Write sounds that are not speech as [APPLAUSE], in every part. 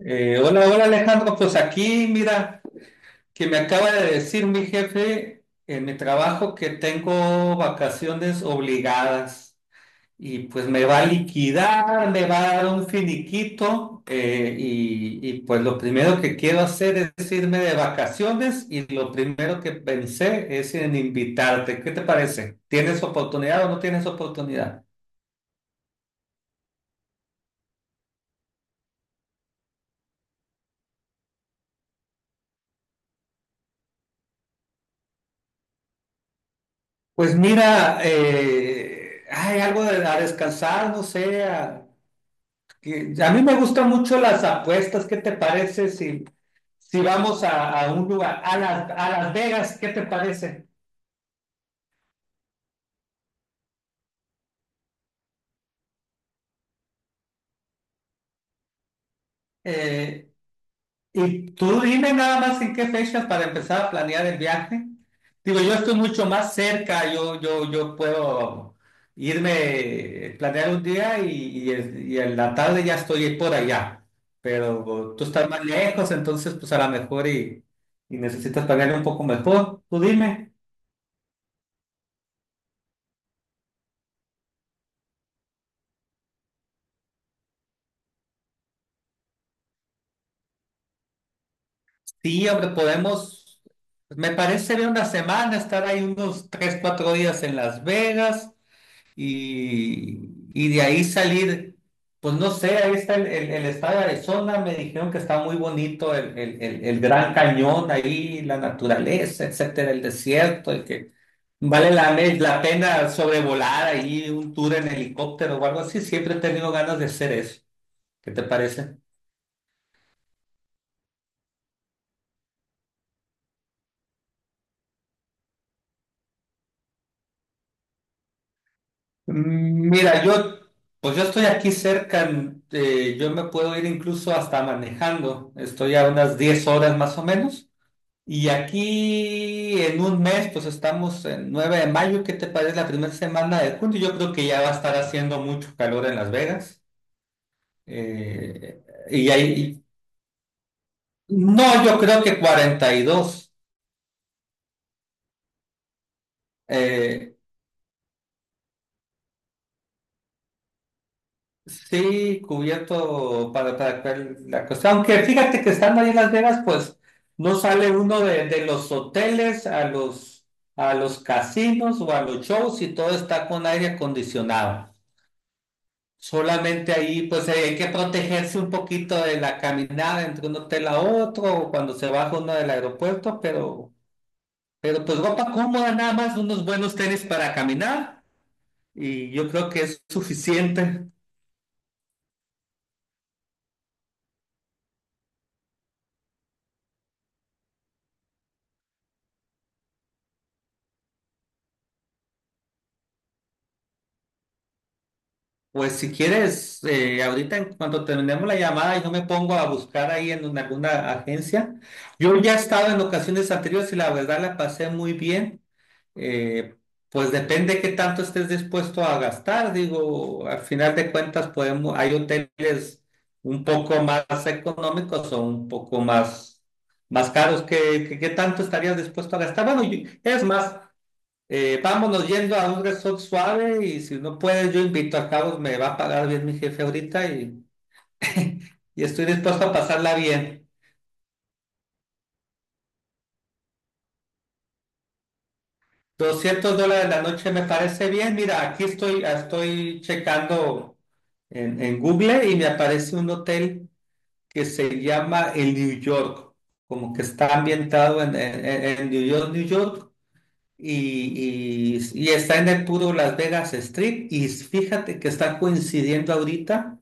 Hola, hola Alejandro, pues aquí mira que me acaba de decir mi jefe en mi trabajo que tengo vacaciones obligadas y pues me va a liquidar, me va a dar un finiquito y pues lo primero que quiero hacer es irme de vacaciones y lo primero que pensé es en invitarte. ¿Qué te parece? ¿Tienes oportunidad o no tienes oportunidad? Pues mira, hay algo de a descansar, no sé. A mí me gustan mucho las apuestas. ¿Qué te parece si vamos a un lugar, a Las Vegas? ¿Qué te parece? Eh, y tú dime nada más en qué fechas para empezar a planear el viaje. Digo, yo estoy mucho más cerca, yo puedo irme, planear un día y en la tarde ya estoy por allá. Pero tú estás más lejos, entonces pues a lo mejor y necesitas planear un poco mejor. Tú dime. Sí, hombre, podemos, me parece bien una semana, estar ahí unos 3, 4 días en Las Vegas y de ahí salir, pues no sé, ahí está el estado de Arizona, me dijeron que está muy bonito el Gran Cañón ahí, la naturaleza, etcétera, el desierto, y que vale la pena sobrevolar ahí un tour en helicóptero o algo así, siempre he tenido ganas de hacer eso. ¿Qué te parece? Mira, pues yo estoy aquí cerca, yo me puedo ir incluso hasta manejando, estoy a unas 10 horas más o menos, y aquí en un mes, pues estamos en 9 de mayo, ¿qué te parece la primera semana de junio? Yo creo que ya va a estar haciendo mucho calor en Las Vegas, eh, y ahí, no, yo creo que 42. eh, Sí, cubierto para, la cuestión. Aunque fíjate que estando ahí en Las Vegas, pues no sale uno de los hoteles a los casinos o a los shows y todo está con aire acondicionado. Solamente ahí, pues hay que protegerse un poquito de la caminada entre un hotel a otro o cuando se baja uno del aeropuerto, pero pues ropa cómoda, nada más, unos buenos tenis para caminar y yo creo que es suficiente. Pues si quieres, ahorita en cuanto terminemos la llamada, yo me pongo a buscar ahí en alguna agencia. Yo ya he estado en ocasiones anteriores y la verdad la pasé muy bien. Eh, pues depende qué tanto estés dispuesto a gastar. Digo, al final de cuentas podemos, hay hoteles un poco más económicos o un poco más, más caros. ¿Qué tanto estarías dispuesto a gastar? Bueno, es más. Vámonos yendo a un resort suave y si no puedes, yo invito a Carlos, me va a pagar bien mi jefe ahorita [LAUGHS] y estoy dispuesto a pasarla bien. $200 la noche me parece bien. Mira, aquí estoy, estoy checando en Google y me aparece un hotel que se llama el New York, como que está ambientado en New York, New York. Y está en el puro Las Vegas Strip y fíjate que está coincidiendo ahorita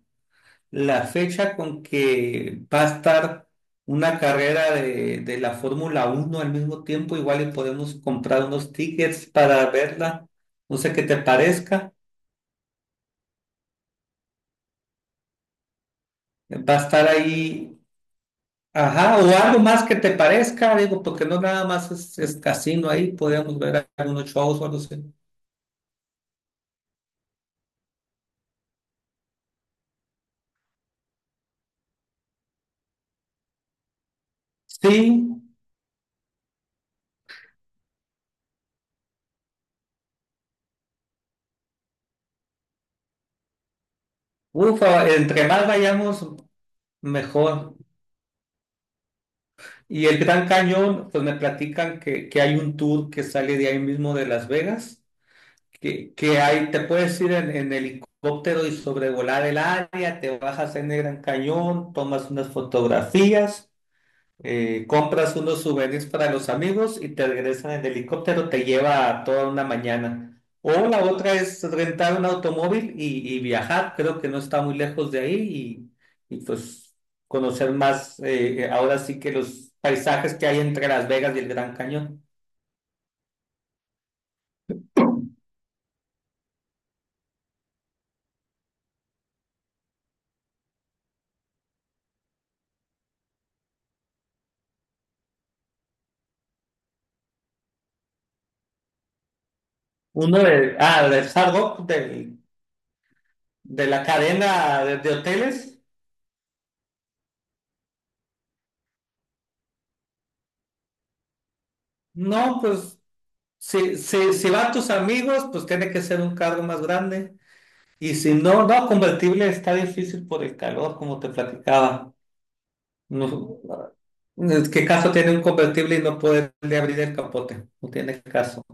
la fecha con que va a estar una carrera de la Fórmula 1 al mismo tiempo, igual y podemos comprar unos tickets para verla, no sé qué te parezca, va a estar ahí, ajá, o algo más que te parezca, digo, porque no nada más es casino ahí, podríamos ver algunos shows o algo así. Sí, ufa, entre más vayamos, mejor. Y el Gran Cañón, pues me platican que hay un tour que sale de ahí mismo de Las Vegas que hay, te puedes ir en helicóptero y sobrevolar el área, te bajas en el Gran Cañón, tomas unas fotografías, compras unos souvenirs para los amigos y te regresan en helicóptero, te lleva toda una mañana. O la otra es rentar un automóvil y viajar, creo que no está muy lejos de ahí y pues conocer más, ahora sí que los paisajes que hay entre Las Vegas y el Gran Cañón. Uno de, de Hard Rock, del de la cadena de hoteles. No, pues si van tus amigos, pues tiene que ser un carro más grande. Y si no, no, convertible está difícil por el calor, como te platicaba. No, ¿qué caso tiene un convertible y no poderle abrir el capote? No tiene caso.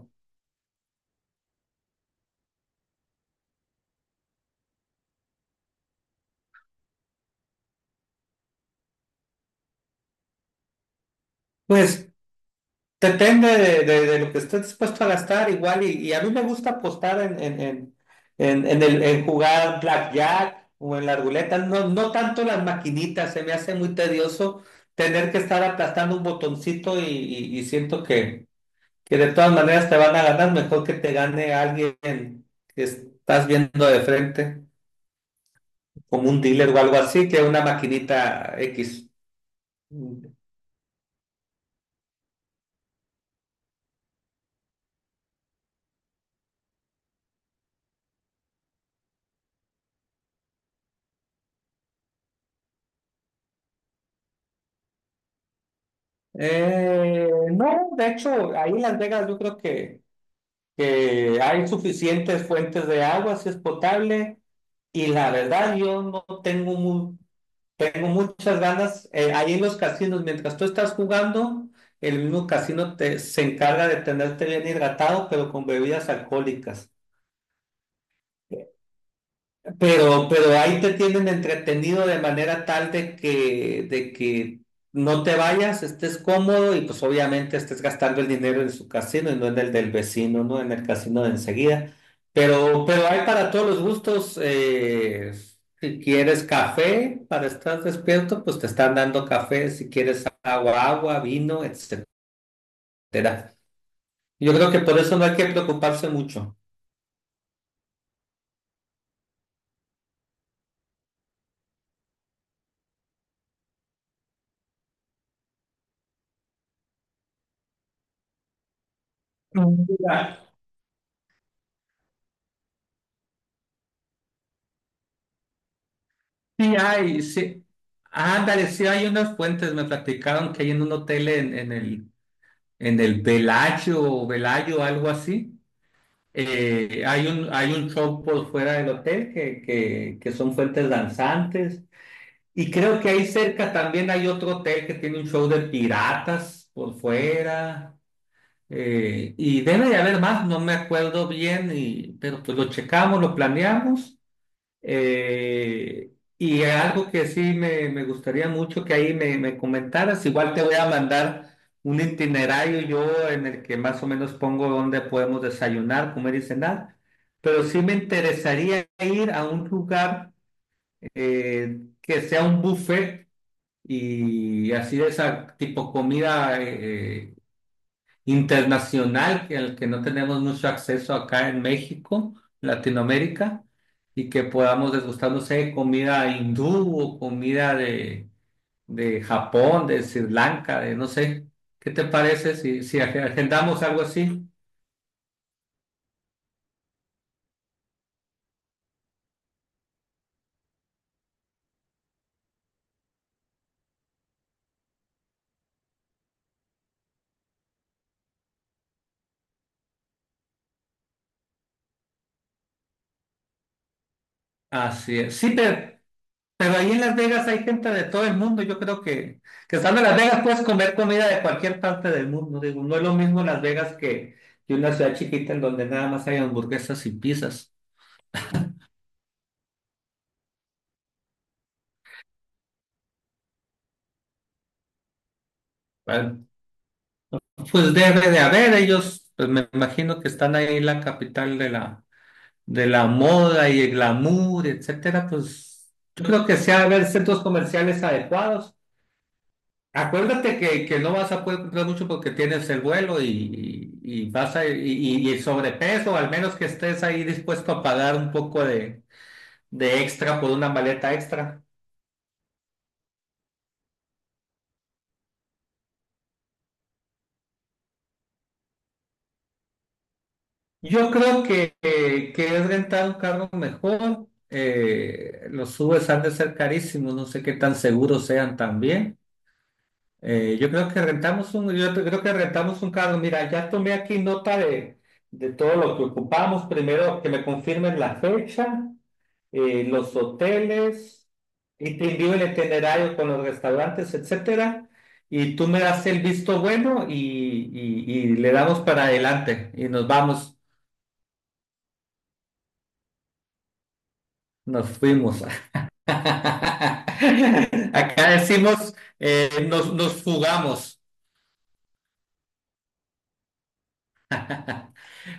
Pues depende de lo que estés dispuesto a gastar, igual, y a mí me gusta apostar en jugar blackjack o en la ruleta, no, no tanto las maquinitas, se me hace muy tedioso tener que estar aplastando un botoncito y siento que de todas maneras te van a ganar, mejor que te gane alguien que estás viendo de frente, como un dealer o algo así, que una maquinita X. No, de hecho, ahí en Las Vegas yo creo que hay suficientes fuentes de agua, si es potable, y la verdad yo no tengo tengo muchas ganas, ahí en los casinos, mientras tú estás jugando, el mismo casino se encarga de tenerte bien hidratado, pero con bebidas alcohólicas. Pero ahí te tienen entretenido de manera tal de que no te vayas, estés cómodo y pues obviamente estés gastando el dinero en su casino y no en el del vecino, ¿no? En el casino de enseguida. Pero hay para todos los gustos. Si quieres café para estar despierto, pues te están dando café. Si quieres agua, agua, vino, etcétera. Yo creo que por eso no hay que preocuparse mucho. Mm. Sí hay, sí. Ándale, sí hay unas fuentes, me platicaron que hay en un hotel en el Velayo o Velayo, algo así. Hay un show por fuera del hotel que son fuentes danzantes. Y creo que ahí cerca también hay otro hotel que tiene un show de piratas por fuera. Y debe de haber más, no me acuerdo bien, pero pues lo checamos, lo planeamos. Eh, y algo que sí me gustaría mucho que ahí me comentaras, igual te voy a mandar un itinerario yo en el que más o menos pongo dónde podemos desayunar, comer y cenar, pero sí me interesaría ir a un lugar que sea un buffet y así de esa tipo comida. Internacional que al que no tenemos mucho acceso acá en México, Latinoamérica, y que podamos degustar, no sé, comida hindú o comida de Japón, de Sri Lanka, de no sé. ¿Qué te parece si agendamos algo así? Así es. Sí, pero ahí en Las Vegas hay gente de todo el mundo. Yo creo que estando en Las Vegas puedes comer comida de cualquier parte del mundo. Digo, no es lo mismo Las Vegas que una ciudad chiquita en donde nada más hay hamburguesas y pizzas. ¿Vale? Pues debe de haber, ellos, pues me imagino que están ahí en la capital de la moda y el glamour, etcétera, pues yo creo que sí ha de haber centros comerciales adecuados. Acuérdate que no vas a poder comprar mucho porque tienes el vuelo y, vas a, y el sobrepeso, al menos que estés ahí dispuesto a pagar un poco de extra por una maleta extra. Yo creo que es rentar un carro mejor. Los Ubers han de ser carísimos, no sé qué tan seguros sean también. Yo creo que rentamos un, creo que rentamos un carro. Mira, ya tomé aquí nota de todo lo que ocupamos. Primero, que me confirmen la fecha, los hoteles, y te envío el itinerario con los restaurantes, etcétera. Y tú me das el visto bueno y le damos para adelante y nos vamos. Nos fuimos. [LAUGHS] Acá decimos, nos jugamos. [LAUGHS]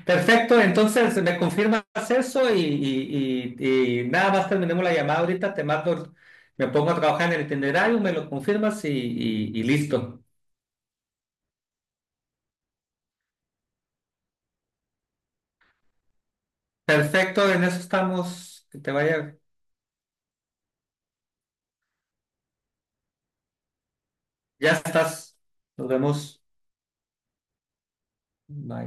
Perfecto, entonces me confirmas eso y nada más terminemos la llamada ahorita, te mando, me pongo a trabajar en el itinerario, me lo confirmas y listo. Perfecto, en eso estamos, que te vaya, ya estás, nos vemos. Bye.